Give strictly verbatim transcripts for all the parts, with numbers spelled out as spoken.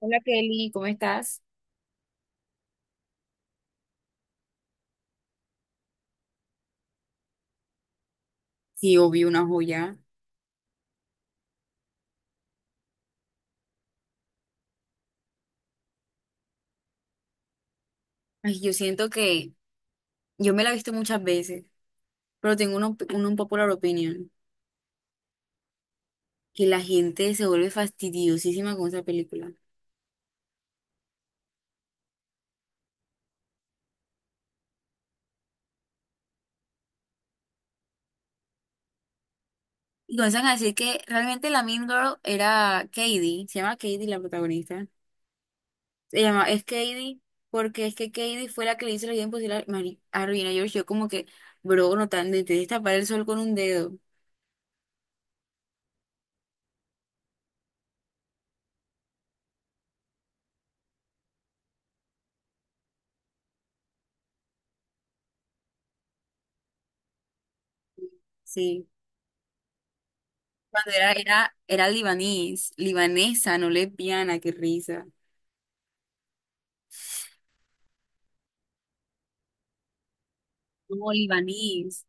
Hola Kelly, ¿cómo estás? Sí, obvio, una joya. Ay, yo siento que yo me la he visto muchas veces, pero tengo una, op- una popular opinion, que la gente se vuelve fastidiosísima con esa película. Y comienzan a decir que realmente la Mean Girl era Katie, se llama Katie la protagonista. Se llama, es Katie, porque es que Katie fue la que le hizo la vida imposible a, Mari- a Regina George. Yo como que, bro, no tan, de tapar el sol con un dedo. Sí. Cuando era, era, era libanés, libanesa, no lesbiana, qué risa. No, libanís.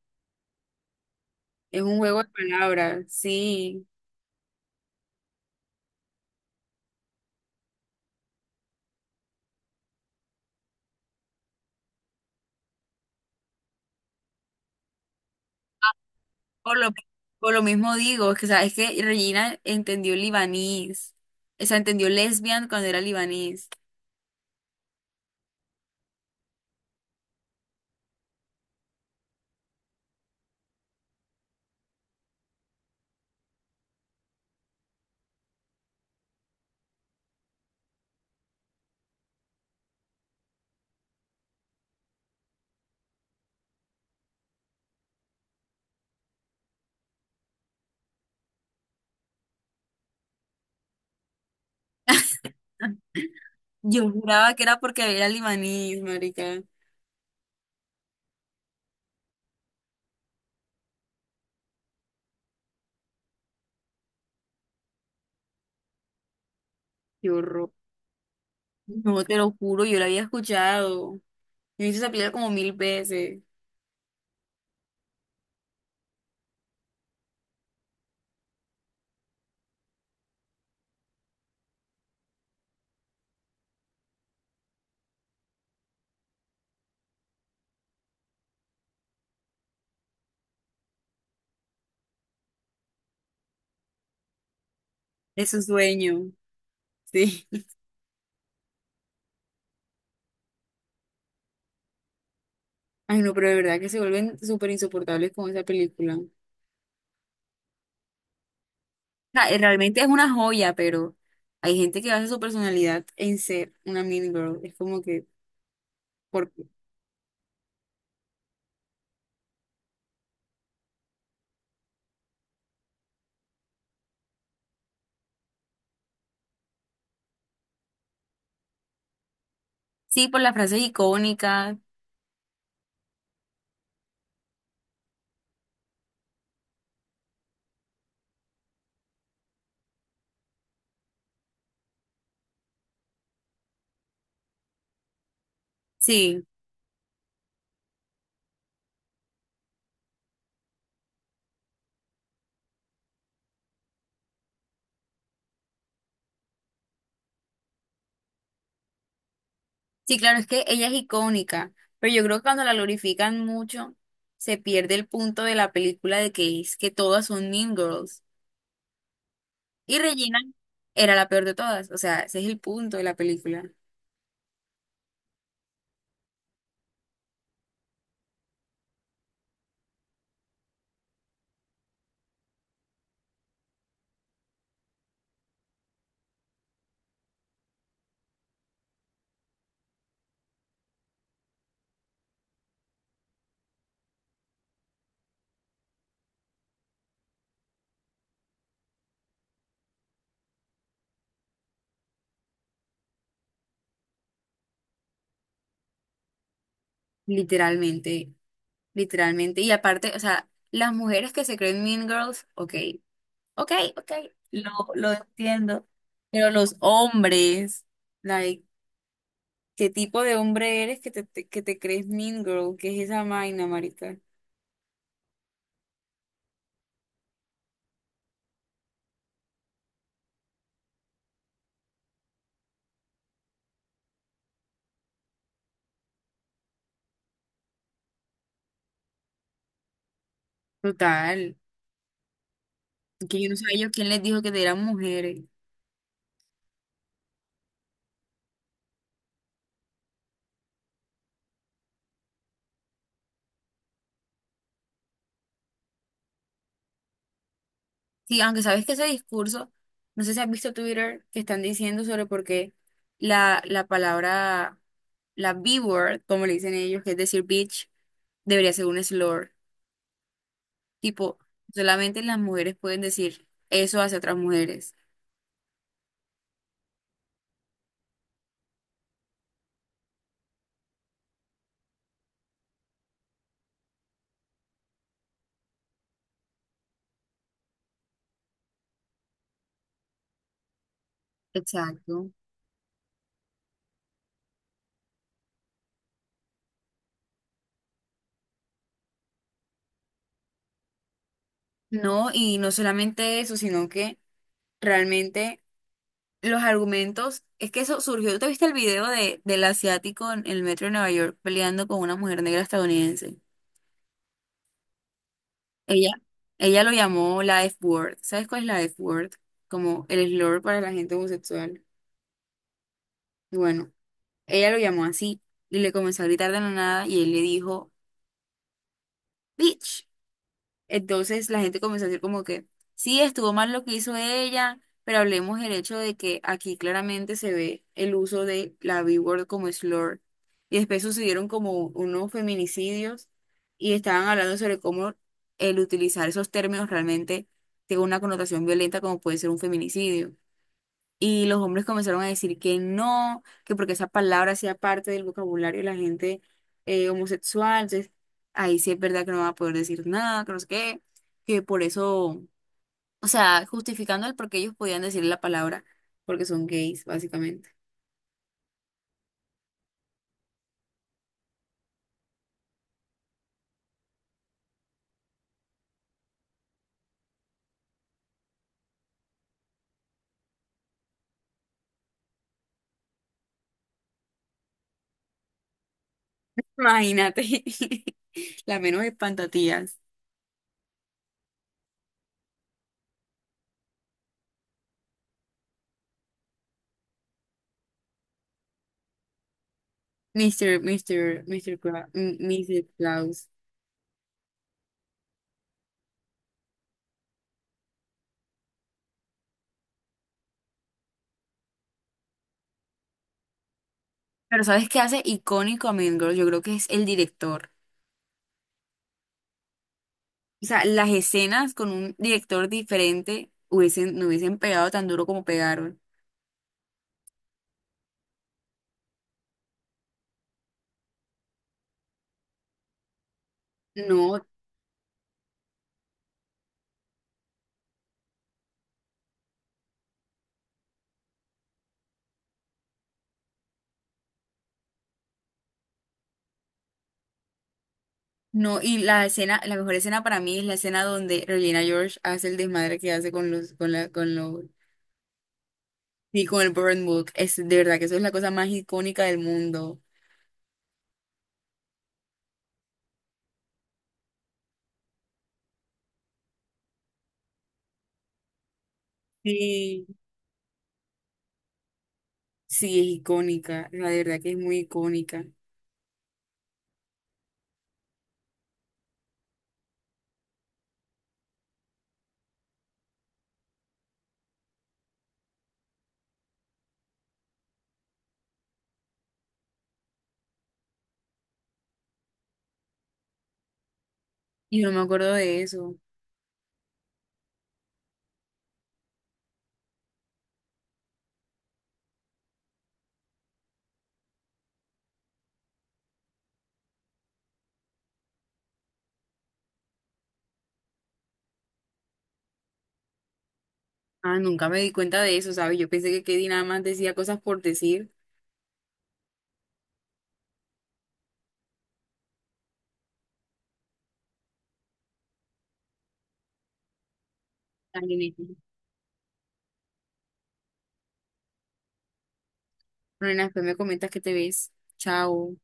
Es un juego de palabras, sí. Por lo, por lo mismo digo, es que, o sea, es que Regina entendió libanís. O sea, entendió lesbian cuando era libanís. Yo juraba que era porque era libanís, marica. Qué horror. No, te lo juro, yo lo había escuchado. Yo hice esa película como mil veces. Es su sueño, sí. Ay, no, pero de verdad que se vuelven súper insoportables con esa película. Sea, eh, realmente es una joya, pero hay gente que basa su personalidad en ser una mean girl. Es como que, por, ¿qué? Sí, por las frases icónicas. Sí, sí, claro, es que ella es icónica, pero yo creo que cuando la glorifican mucho, se pierde el punto de la película de que es que todas son mean girls. Y Regina era la peor de todas. O sea, ese es el punto de la película. Literalmente, literalmente. Y aparte, o sea, las mujeres que se creen mean girls, ok. Ok, ok, lo, lo entiendo. Pero los hombres, like, ¿qué tipo de hombre eres que te, te- que te crees mean girl? ¿Qué es esa vaina, marica? Total. Que yo no sé a ellos quién les dijo que eran mujeres. Sí, aunque sabes que ese discurso, no sé si has visto Twitter, que están diciendo sobre por qué la, la palabra, la B-word, como le dicen ellos, que es decir bitch, debería ser un slur. Tipo, solamente las mujeres pueden decir eso hacia otras mujeres. Exacto. No, y no solamente eso, sino que realmente los argumentos, es que eso surgió, ¿te viste el video de, del asiático en el metro de Nueva York peleando con una mujer negra estadounidense? Ella, ella lo llamó la F-word. ¿Sabes cuál es la F-word? Como el slur para la gente homosexual. Y bueno, ella lo llamó así y le comenzó a gritar de la nada y él le dijo, bitch. Entonces la gente comenzó a decir como que sí, estuvo mal lo que hizo ella, pero hablemos del hecho de que aquí claramente se ve el uso de la B-word como slur. Y después sucedieron como unos feminicidios y estaban hablando sobre cómo el utilizar esos términos realmente tiene una connotación violenta como puede ser un feminicidio. Y los hombres comenzaron a decir que no, que porque esa palabra hacía parte del vocabulario de la gente eh, homosexual. Entonces, ahí sí es verdad que no va a poder decir nada, que no sé qué, que por eso, o sea, justificando el por qué ellos podían decir la palabra, porque son gays, básicamente. Imagínate, la menos espantatías. Mister Mister Mister Cla- míster Klaus. Pero ¿sabes qué hace icónico a Mean Girls? Yo creo que es el director. O sea, las escenas con un director diferente hubiesen, no hubiesen pegado tan duro como pegaron. No, no, y la escena, la mejor escena para mí es la escena donde Regina George hace el desmadre que hace con los, con la, con los, y con el Burn Book. Es de verdad que eso es la cosa más icónica del mundo. Sí. Sí, es icónica, la de verdad que es muy icónica. Y yo no me acuerdo de eso. Ah, nunca me di cuenta de eso, ¿sabes? Yo pensé que Katie nada más decía cosas por decir. Ay, nena. Bueno, después me comentas que te ves. Chao.